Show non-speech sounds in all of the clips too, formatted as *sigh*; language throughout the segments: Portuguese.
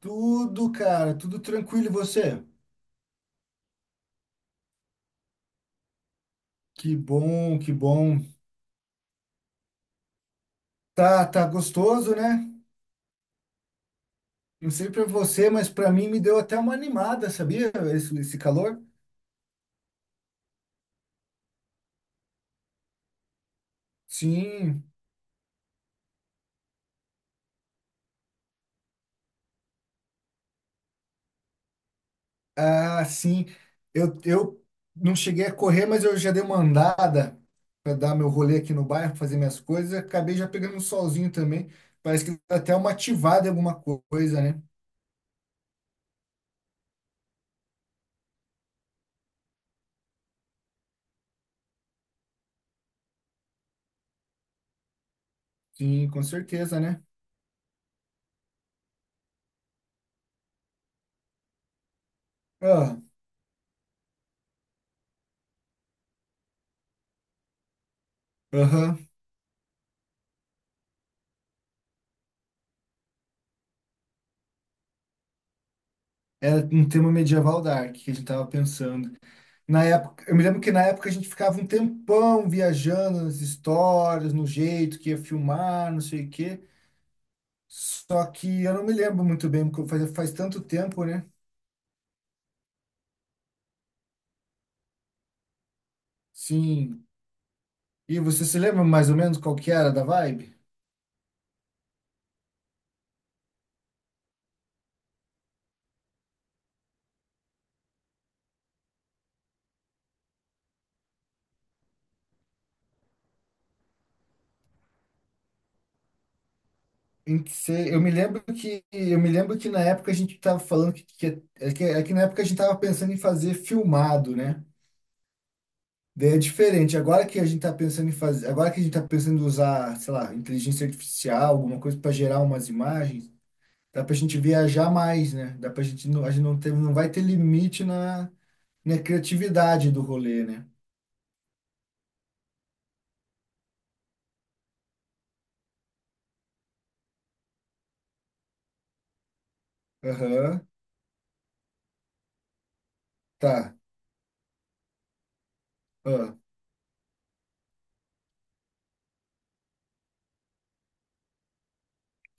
Tudo, cara, tudo tranquilo. E você? Que bom, que bom. Tá, tá gostoso, né? Não sei pra você, mas pra mim me deu até uma animada, sabia? Esse calor. Sim, ah, sim. Eu não cheguei a correr, mas eu já dei uma andada pra dar meu rolê aqui no bairro, fazer minhas coisas. Acabei já pegando um solzinho também. Parece que dá até uma ativada em alguma coisa, né? Sim, com certeza, né? Ah. Aham. Era um tema medieval dark que a gente tava pensando. Na época, eu me lembro que na época a gente ficava um tempão viajando nas histórias, no jeito que ia filmar, não sei o quê. Só que eu não me lembro muito bem, porque faz tanto tempo, né? Sim. E você se lembra mais ou menos qual que era da vibe? Em que cê- eu me lembro que eu me lembro que na época a gente estava falando que na época a gente estava pensando em fazer filmado, né? Daí é diferente. Agora que a gente está pensando em fazer, agora que a gente está pensando em usar, sei lá, inteligência artificial, alguma coisa para gerar umas imagens. Dá pra gente viajar mais, né? Dá pra gente, não- a gente não ter, não vai ter limite na, na criatividade do rolê, né? Aham, tá. Ah,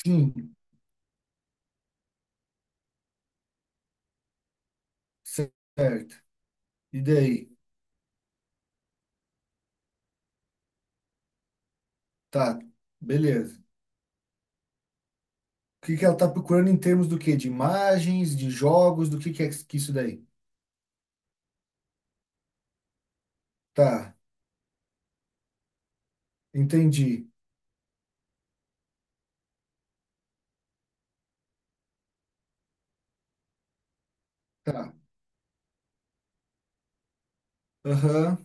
sim, certo. E daí? Tá, beleza. O que que ela tá procurando em termos do quê? De imagens, de jogos, do que é que isso daí? Tá, entendi. Tá, aham.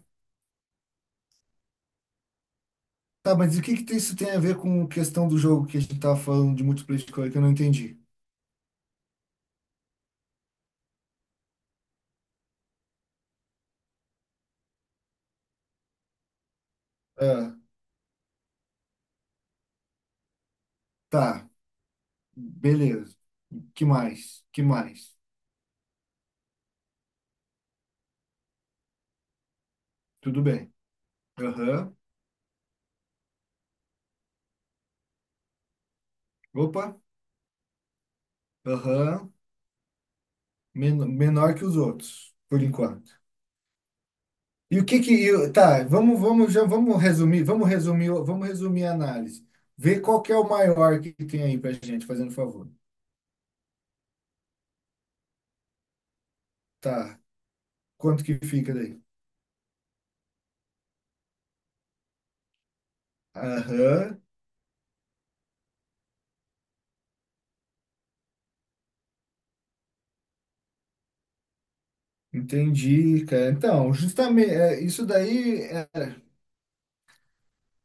Tá, mas o que que isso tem a ver com a questão do jogo que a gente tava falando de múltipla escolha que eu não entendi? Ah, tá, beleza. Que mais? Que mais? Tudo bem. Aham. Opa. Aham. Men- Menor que os outros, por enquanto. E o que que eu- tá, vamos vamos já vamos resumir, vamos resumir, vamos resumir a análise. Vê qual que é o maior que tem aí pra gente, fazendo favor. Tá. Quanto que fica daí? Aham. Entendi, cara. Então, justamente, é.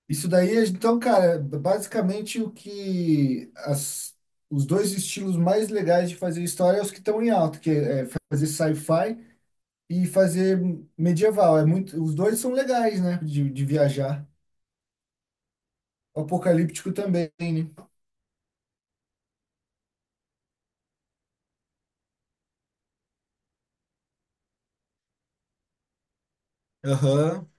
Isso daí, então, cara, basicamente o que as, os dois estilos mais legais de fazer história é os que estão em alta, que é fazer sci-fi e fazer medieval. É muito, os dois são legais, né? De viajar. Apocalíptico também, né? Aham,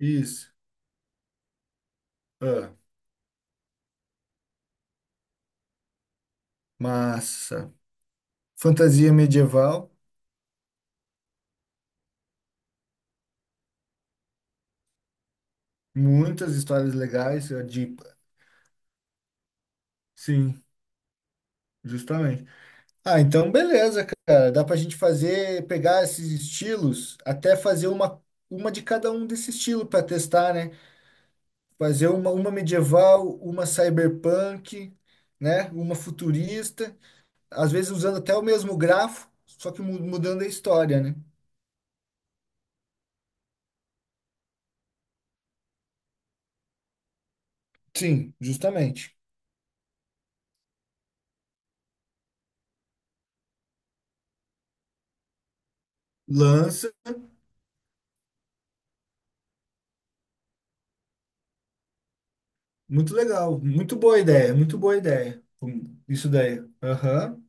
isso. Ah, massa. Fantasia medieval, muitas histórias legais. É de, sim, justamente. Ah, então beleza, cara. Dá pra gente fazer, pegar esses estilos, até fazer uma de cada um desse estilo pra testar, né? Fazer uma medieval, uma cyberpunk, né? Uma futurista, às vezes usando até o mesmo grafo, só que mu- mudando a história, né? Sim, justamente. Lança, muito legal, muito boa ideia, muito boa ideia. Isso daí. Aham.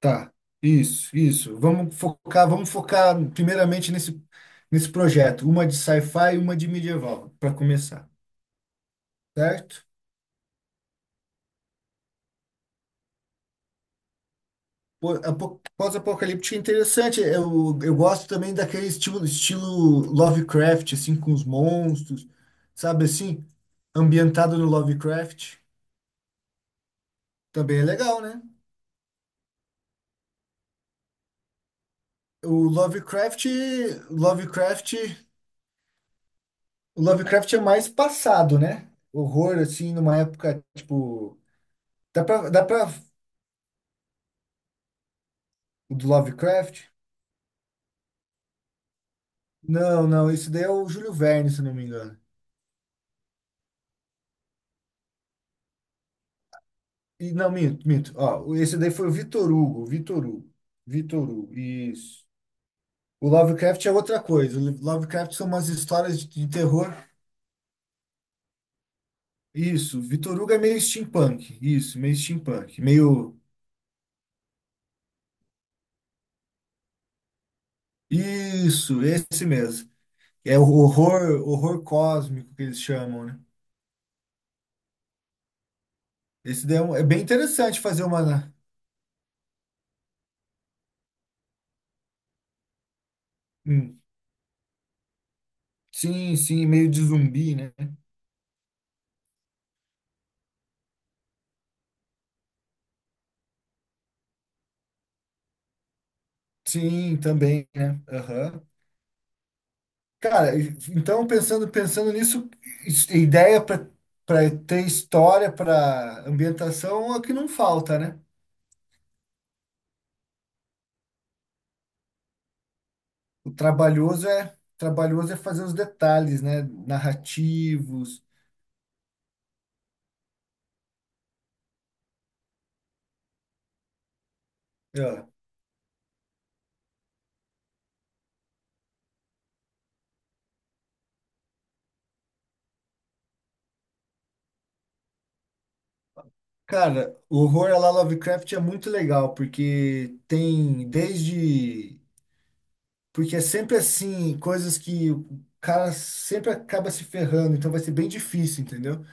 Tá, isso, isso. Vamos focar primeiramente nesse projeto, uma de sci-fi e uma de medieval, para começar, certo? Pô, apo- Pós-apocalíptico é interessante, eu gosto também daquele estilo, estilo Lovecraft, assim, com os monstros, sabe assim? Ambientado no Lovecraft, também é legal, né? O Lovecraft, Lovecraft, o Lovecraft é mais passado, né? Horror, assim, numa época, tipo... Dá pra O do Lovecraft? Não, não, esse daí é o Júlio Verne, se não me engano. E, não, minto, minto. Ó, esse daí foi o Vitor Hugo, Vitor Hugo. Vitor Hugo, isso. O Lovecraft é outra coisa. O Lovecraft são umas histórias de terror. Isso, Vitor Hugo é meio steampunk. Isso, meio steampunk. Meio. Isso, esse mesmo. É o horror, horror cósmico que eles chamam, né? Esse daí é, um- é bem interessante fazer uma. Hum, sim, sim, meio de zumbi, né? Sim, também, né? Aham. Cara, então pensando nisso, is- ideia para para ter história, para ambientação é o que não falta, né? O trabalhoso é fazer os detalhes, né? Narrativos. É. Cara, o horror à la Lovecraft é muito legal porque tem desde porque é sempre assim, coisas que o cara sempre acaba se ferrando, então vai ser bem difícil, entendeu?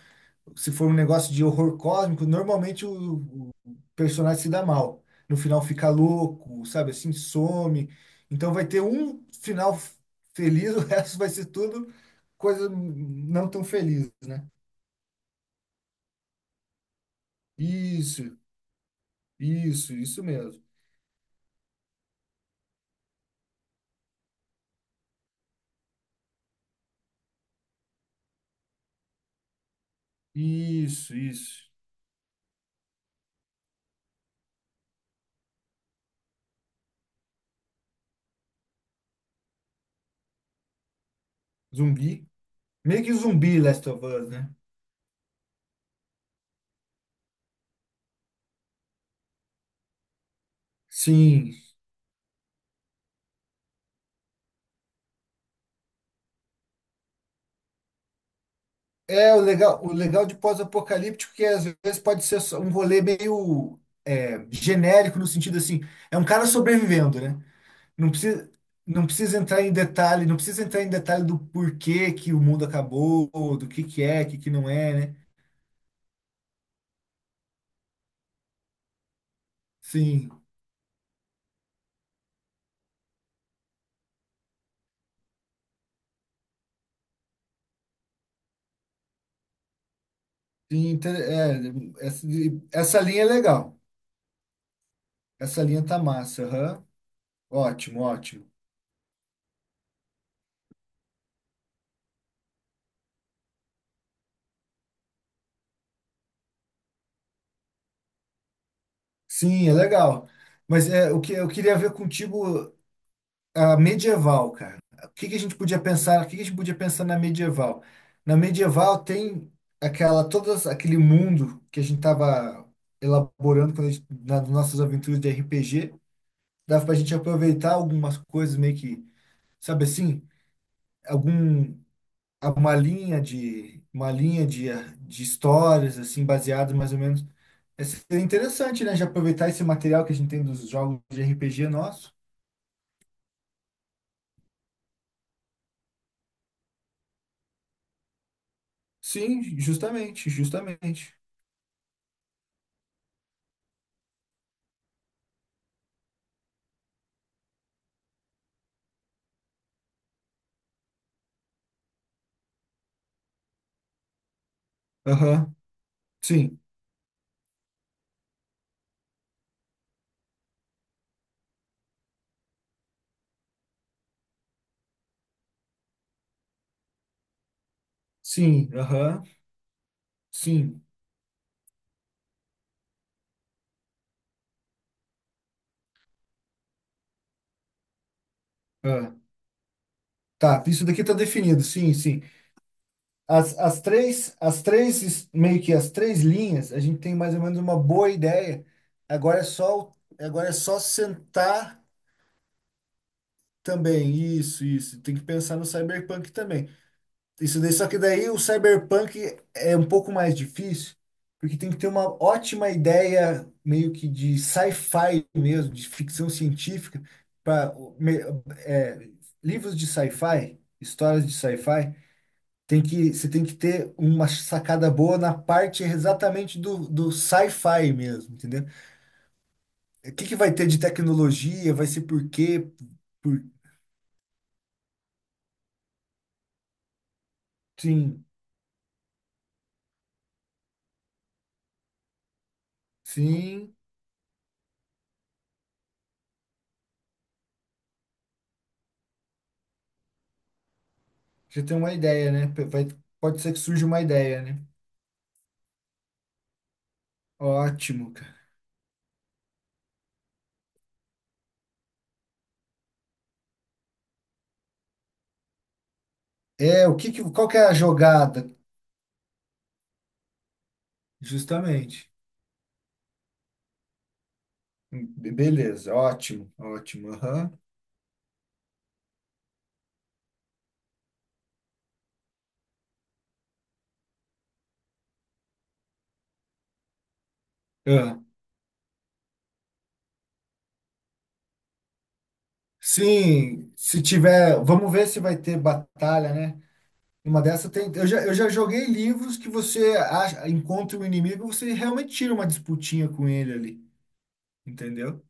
Se for um negócio de horror cósmico, normalmente o personagem se dá mal. No final fica louco, sabe? Assim, some. Então vai ter um final f- feliz, *laughs* o resto vai ser tudo coisa não tão feliz, né? Isso, isso mesmo. Isso, isso. Zumbi. Meio que zumbi Last of Us, né? Sim, é, o legal de pós-apocalíptico é que às vezes pode ser só um rolê meio é, genérico no sentido assim, é um cara sobrevivendo, né? Não precisa, não precisa entrar em detalhe, não precisa entrar em detalhe do porquê que o mundo acabou, do que é, o que que não é, né? Sim, sim, inter- é, essa, essa linha é legal. Essa linha tá massa, aham. Ótimo, ótimo. Sim, é legal. Mas é, o que eu queria ver contigo A medieval, cara. O que que a gente podia pensar? O que que a gente podia pensar na medieval? Na medieval tem aquela todas aquele mundo que a gente estava elaborando quando a gente, nas nossas aventuras de RPG, dava para a gente aproveitar algumas coisas meio que, sabe assim, algum uma linha de histórias assim baseadas mais ou menos. É seria interessante, né? De aproveitar esse material que a gente tem dos jogos de RPG nosso. Sim, justamente, justamente. Aham, sim, sim, aham, sim. Ah. Tá, isso daqui tá definido, sim, sim. As, as três, es- meio que as três linhas, a gente tem mais ou menos uma boa ideia. Agora é só, o- agora é só sentar também, isso, isso. Tem que pensar no cyberpunk também. Isso daí, só que daí o cyberpunk é um pouco mais difícil, porque tem que ter uma ótima ideia meio que de sci-fi mesmo, de ficção científica, para livros de sci-fi, histórias de sci-fi, tem que você tem que ter uma sacada boa na parte exatamente do, do sci-fi mesmo, entendeu? O que que vai ter de tecnologia, vai ser por quê? Por, sim, sim, já tem uma ideia, né? Vai, pode ser que surja uma ideia, né? Ótimo, cara. É, o que que, qual que é a jogada? Justamente. Be- Beleza, ótimo, ótimo. Aham. Ah, sim, se tiver, vamos ver se vai ter batalha, né? Uma dessa tem. Eu já joguei livros que você acha, encontra o inimigo, você realmente tira uma disputinha com ele ali, entendeu?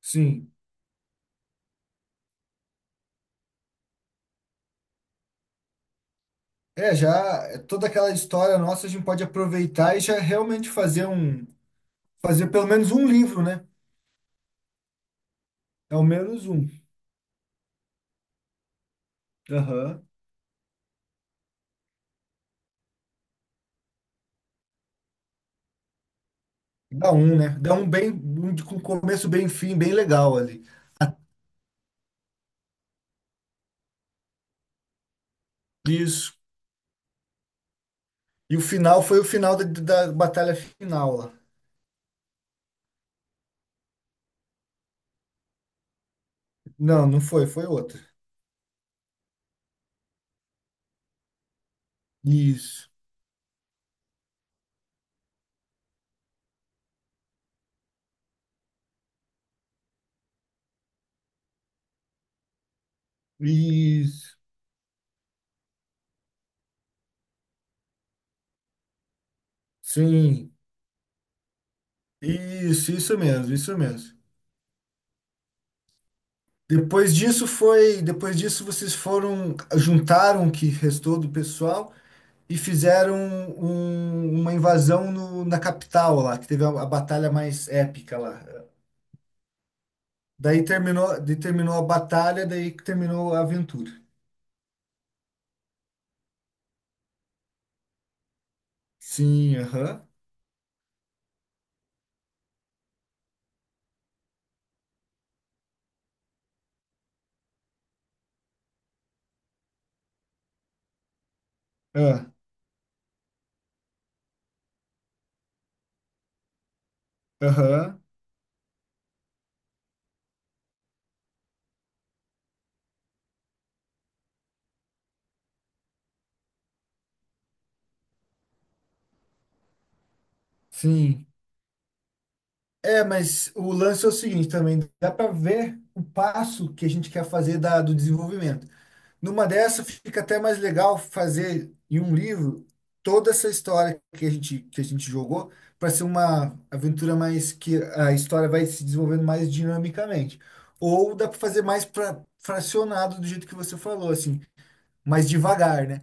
Sim. É, já é toda aquela história nossa a gente pode aproveitar e já realmente fazer um, fazer pelo menos um livro, né? É o menos um. Aham. Dá um, né? Dá um bem, um de- com um começo, bem, fim, bem legal ali. Isso. E o final foi o final da, da batalha final lá. Não, não foi, foi outra. Isso, isso, sim, isso mesmo, isso mesmo. Depois disso foi, depois disso vocês foram, juntaram o que restou do pessoal e fizeram um- uma invasão no- na capital lá, que teve a batalha mais épica lá. Daí terminou a batalha, daí que terminou a aventura. Sim, aham. Ah, aham. Sim. É, mas o lance é o seguinte também, dá para ver o passo que a gente quer fazer da, do desenvolvimento. Numa dessa fica até mais legal fazer em um livro toda essa história que a gente jogou para ser uma aventura mais que a história vai se desenvolvendo mais dinamicamente. Ou dá para fazer mais pra, fracionado do jeito que você falou, assim, mais devagar, né?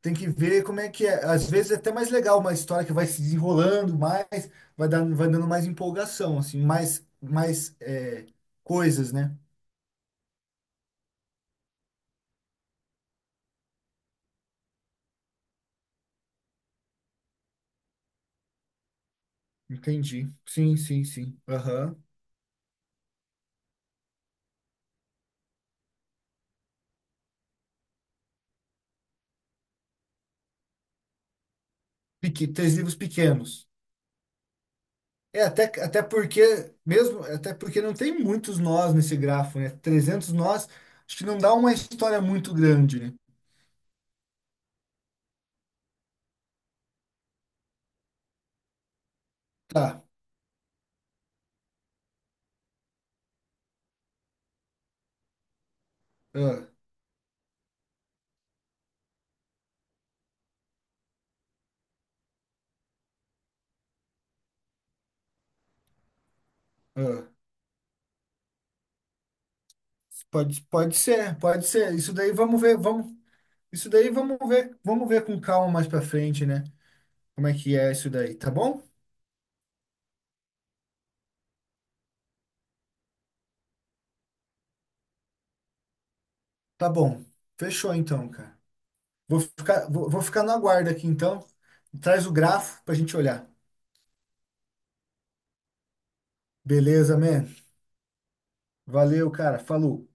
Tem que ver como é que é. Às vezes é até mais legal uma história que vai se desenrolando mais, vai dando mais empolgação, assim, mais, mais é, coisas, né? Entendi. Sim, sim, sim. Aham. Peque- Três livros pequenos. É, até, até porque, mesmo, até porque não tem muitos nós nesse grafo, né? 300 nós, acho que não dá uma história muito grande, né? Tá. Ah, ah. Pode, pode ser, pode ser. Isso daí vamos ver, vamos, isso daí vamos ver com calma mais pra frente, né? Como é que é isso daí, tá bom? Tá bom. Fechou então, cara. Vou ficar no aguardo aqui então. Traz o grafo pra gente olhar. Beleza, man? Valeu, cara. Falou.